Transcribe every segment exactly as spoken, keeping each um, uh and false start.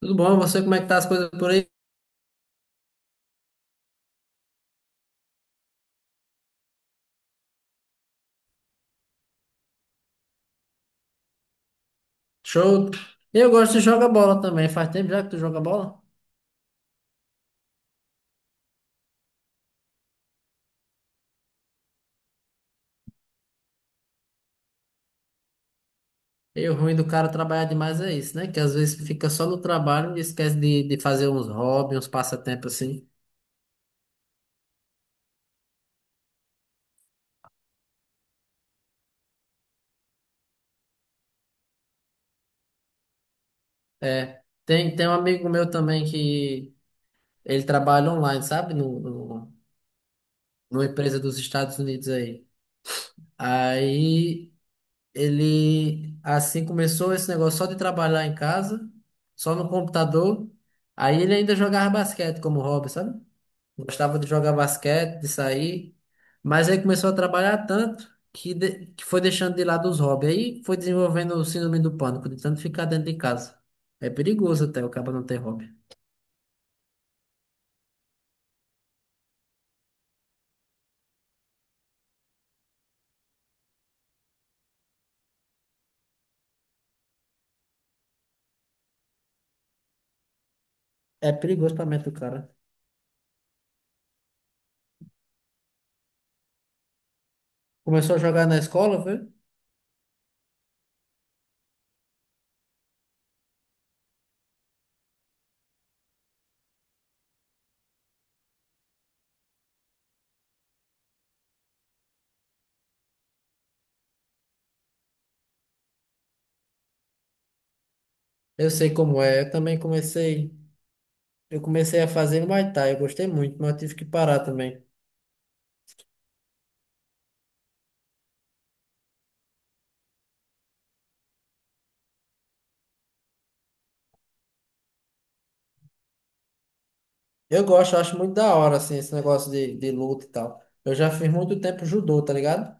Tudo bom? Você, como é que tá as coisas por aí? Show. Eu gosto de jogar bola também. Faz tempo já que tu joga bola? E o ruim do cara trabalhar demais é isso, né? Que às vezes fica só no trabalho e esquece de, de fazer uns hobbies, uns passatempos assim. É. Tem, tem um amigo meu também que ele trabalha online, sabe? No, no, Numa empresa dos Estados Unidos aí. Aí ele, assim, começou esse negócio só de trabalhar em casa, só no computador. Aí ele ainda jogava basquete como hobby, sabe? Gostava de jogar basquete, de sair, mas aí começou a trabalhar tanto que, de- que foi deixando de lado os hobbies. Aí foi desenvolvendo o síndrome do pânico, de tanto ficar dentro de casa. É perigoso até o cara não ter hobby. É perigoso pra mente do cara. Começou a jogar na escola, foi? Eu sei como é. Eu também comecei. Eu comecei a fazer Muay Thai. Eu gostei muito, mas eu tive que parar também. Eu gosto, eu acho muito da hora, assim, esse negócio de, de luta e tal. Eu já fiz muito tempo judô, tá ligado?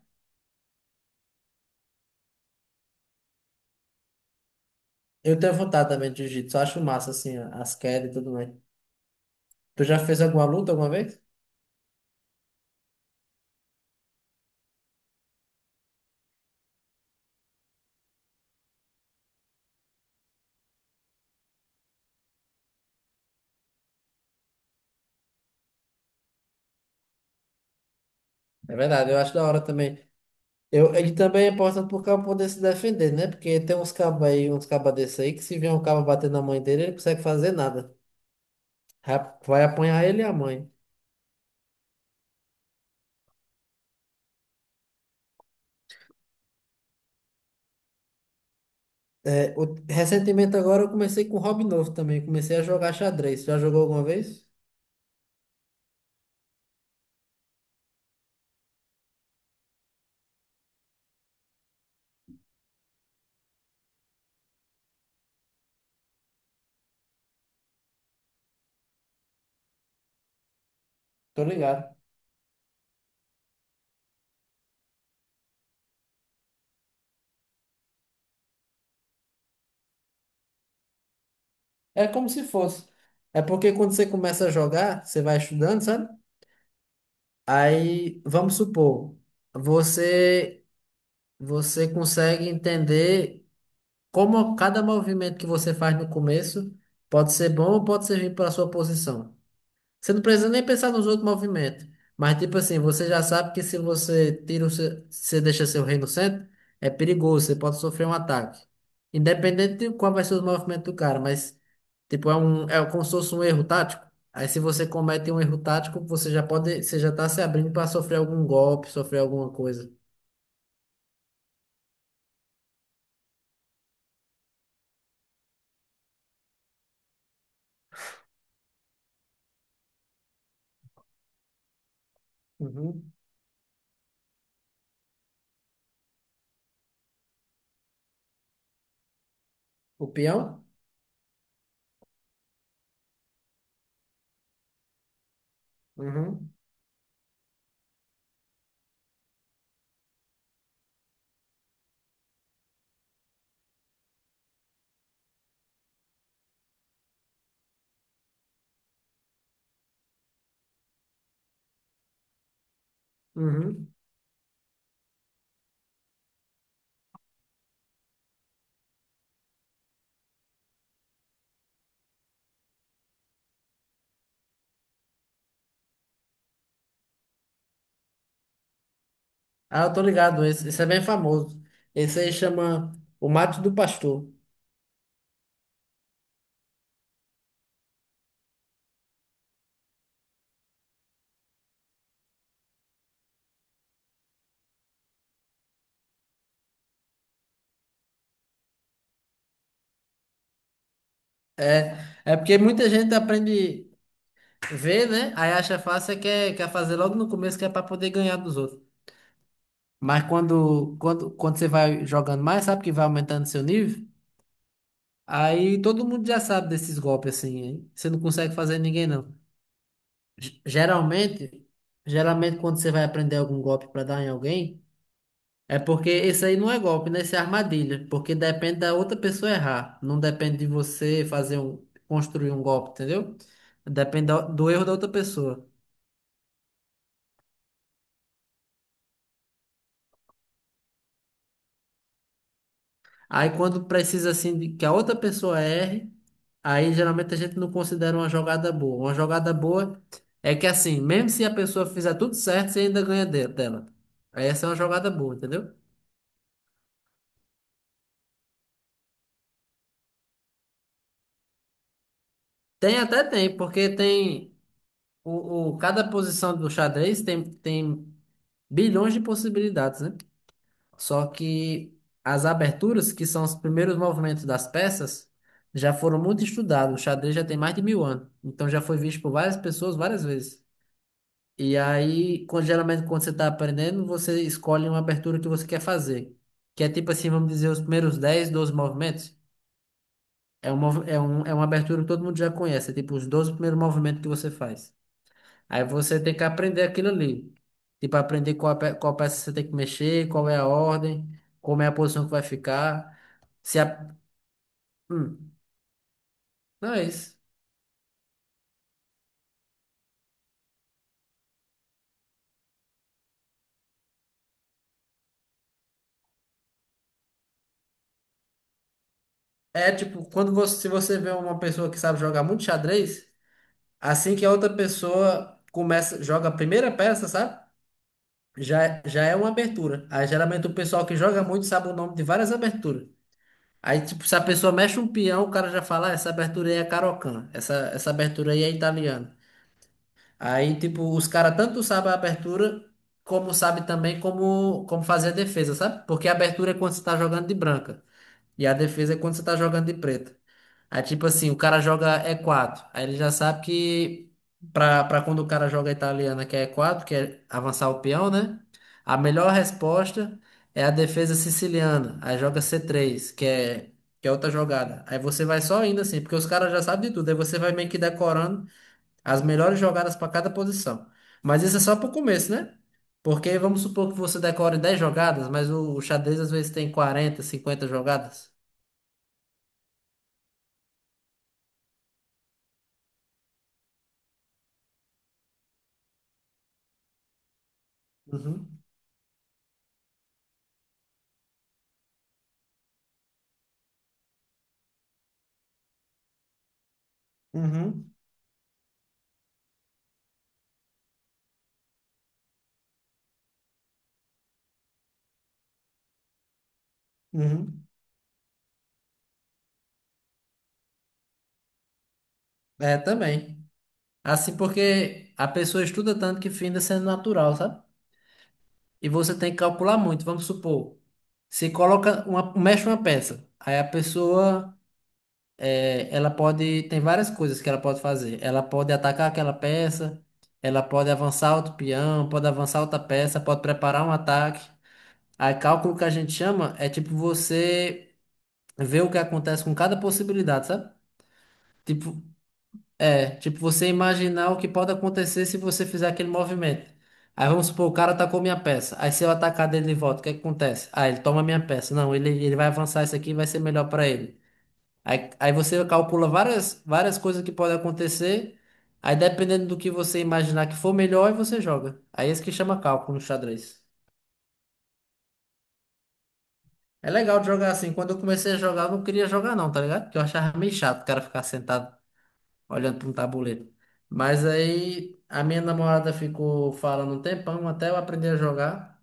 Eu tenho vontade também de jiu-jitsu, eu acho massa, assim, as quedas e tudo mais. Tu já fez alguma luta alguma vez? É verdade, eu acho da hora também. Eu, ele também é importante pro cabo poder se defender, né? Porque tem uns cabos aí, uns cabas desse aí, que se vier um cabo bater na mãe dele, ele não consegue fazer nada. Ra- Vai apanhar ele e a mãe. É, o- recentemente agora eu comecei com um hobby novo também, comecei a jogar xadrez. Já jogou alguma vez? Tô ligado. É como se fosse. É porque quando você começa a jogar, você vai estudando, sabe? Aí, vamos supor, você você consegue entender como cada movimento que você faz no começo pode ser bom ou pode servir para a sua posição. Você não precisa nem pensar nos outros movimentos. Mas, tipo assim, você já sabe que se você tira o seu, se você deixa seu rei no centro, é perigoso, você pode sofrer um ataque. Independente de qual vai ser os movimentos do cara, mas, tipo, é um, é como se fosse um erro tático. Aí, se você comete um erro tático, você já pode, você já tá se abrindo para sofrer algum golpe, sofrer alguma coisa. Uhum. O peão? Uhum. Uhum. Ah, eu tô ligado, esse, esse é bem famoso. Esse aí chama o mate do pastor. É, é porque muita gente aprende a ver, né? Aí acha fácil, e quer, quer fazer logo no começo, que é para poder ganhar dos outros. Mas quando, quando, quando você vai jogando mais, sabe que vai aumentando seu nível? Aí todo mundo já sabe desses golpes assim, hein? Você não consegue fazer ninguém, não. G- Geralmente, geralmente quando você vai aprender algum golpe para dar em alguém. É porque esse aí não é golpe, né? Esse é armadilha. Porque depende da outra pessoa errar. Não depende de você fazer um, construir um golpe, entendeu? Depende da- do erro da outra pessoa. Aí quando precisa assim de que a outra pessoa erre, aí geralmente a gente não considera uma jogada boa. Uma jogada boa é que assim, mesmo se a pessoa fizer tudo certo, você ainda ganha de- dela. Aí essa é uma jogada boa, entendeu? Tem até tem, porque tem o, o- cada posição do xadrez tem, tem bilhões de possibilidades, né? Só que as aberturas, que são os primeiros movimentos das peças, já foram muito estudados. O xadrez já tem mais de mil anos. Então já foi visto por várias pessoas várias vezes. E aí, quando, geralmente, quando você está aprendendo, você escolhe uma abertura que você quer fazer. Que é tipo assim, vamos dizer, os primeiros dez doze movimentos. É, um, mov- é, um, é uma abertura que todo mundo já conhece. É tipo os doze primeiros movimentos que você faz. Aí você tem que aprender aquilo ali. Tipo, aprender qual, pe- qual peça você tem que mexer, qual é a ordem, como é a posição que vai ficar. Se a... hum, não é isso. É tipo, quando você, se você vê uma pessoa que sabe jogar muito xadrez, assim que a outra pessoa começa, joga a primeira peça, sabe? Já, já é uma abertura. Aí geralmente o pessoal que joga muito sabe o nome de várias aberturas. Aí, tipo, se a pessoa mexe um peão, o cara já fala, ah, essa abertura aí é cariocan, essa, essa abertura aí é italiana. Aí, tipo, os caras tanto sabem a abertura, como sabem também como, como fazer a defesa, sabe? Porque a abertura é quando você tá jogando de branca. E a defesa é quando você tá jogando de preta. Aí, tipo assim, o cara joga e quatro. Aí ele já sabe que pra, pra quando o cara joga a italiana, que é e quatro que é avançar o peão, né? A melhor resposta é a defesa siciliana. Aí joga c três que é, que é outra jogada. Aí você vai só indo assim, porque os caras já sabem de tudo. Aí você vai meio que decorando as melhores jogadas para cada posição. Mas isso é só para o começo, né? Porque vamos supor que você decore dez jogadas, mas o, o xadrez às vezes tem quarenta, cinquenta jogadas. Uhum. Uhum. Uhum. É, também. Assim porque a pessoa estuda tanto que finda sendo natural, sabe? E você tem que calcular muito. Vamos supor, se coloca uma, mexe uma peça, aí a pessoa É, ela pode, tem várias coisas que ela pode fazer. Ela pode atacar aquela peça, ela pode avançar outro peão, pode avançar outra peça, pode preparar um ataque. Aí, cálculo que a gente chama é tipo você ver o que acontece com cada possibilidade, sabe? Tipo, é, tipo você imaginar o que pode acontecer se você fizer aquele movimento. Aí vamos supor, o cara atacou minha peça. Aí se eu atacar dele de volta, o que é que acontece? Ah, ele toma minha peça. Não, ele, ele vai avançar isso aqui, e vai ser melhor pra ele. Aí, aí você calcula várias, várias coisas que podem acontecer. Aí dependendo do que você imaginar que for melhor, aí você joga. Aí é isso que chama cálculo no xadrez. É legal de jogar assim. Quando eu comecei a jogar, eu não queria jogar não, tá ligado? Porque eu achava meio chato o cara ficar sentado olhando para um tabuleiro. Mas aí a minha namorada ficou falando um tempão até eu aprender a jogar.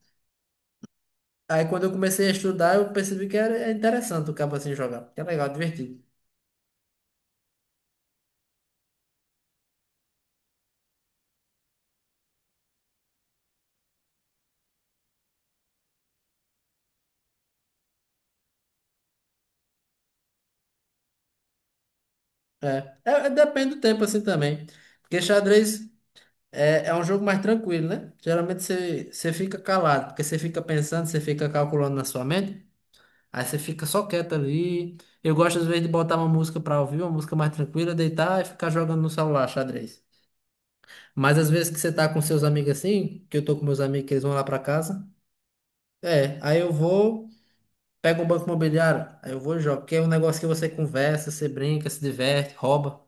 Aí quando eu comecei a estudar, eu percebi que era é interessante o cabo assim jogar. Que é legal, divertido. É, É- é- depende do tempo assim também. Porque xadrez É, é um jogo mais tranquilo, né? Geralmente você, você fica calado, porque você fica pensando, você fica calculando na sua mente, aí você fica só quieto ali. Eu gosto, às vezes, de botar uma música pra ouvir, uma música mais tranquila, deitar e ficar jogando no celular, xadrez. Mas às vezes que você tá com seus amigos assim, que eu tô com meus amigos que eles vão lá pra casa, é, aí eu vou, pego um banco imobiliário, aí eu vou e jogo, que é um negócio que você conversa, você brinca, se diverte, rouba.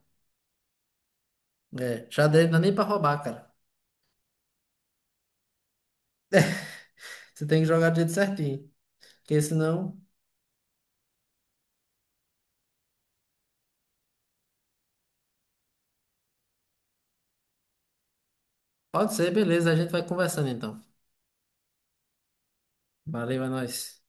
É, xadrez não é nem pra roubar, cara. Você tem que jogar do jeito certinho, porque senão. Pode ser, beleza. A gente vai conversando então. Valeu, é nóis.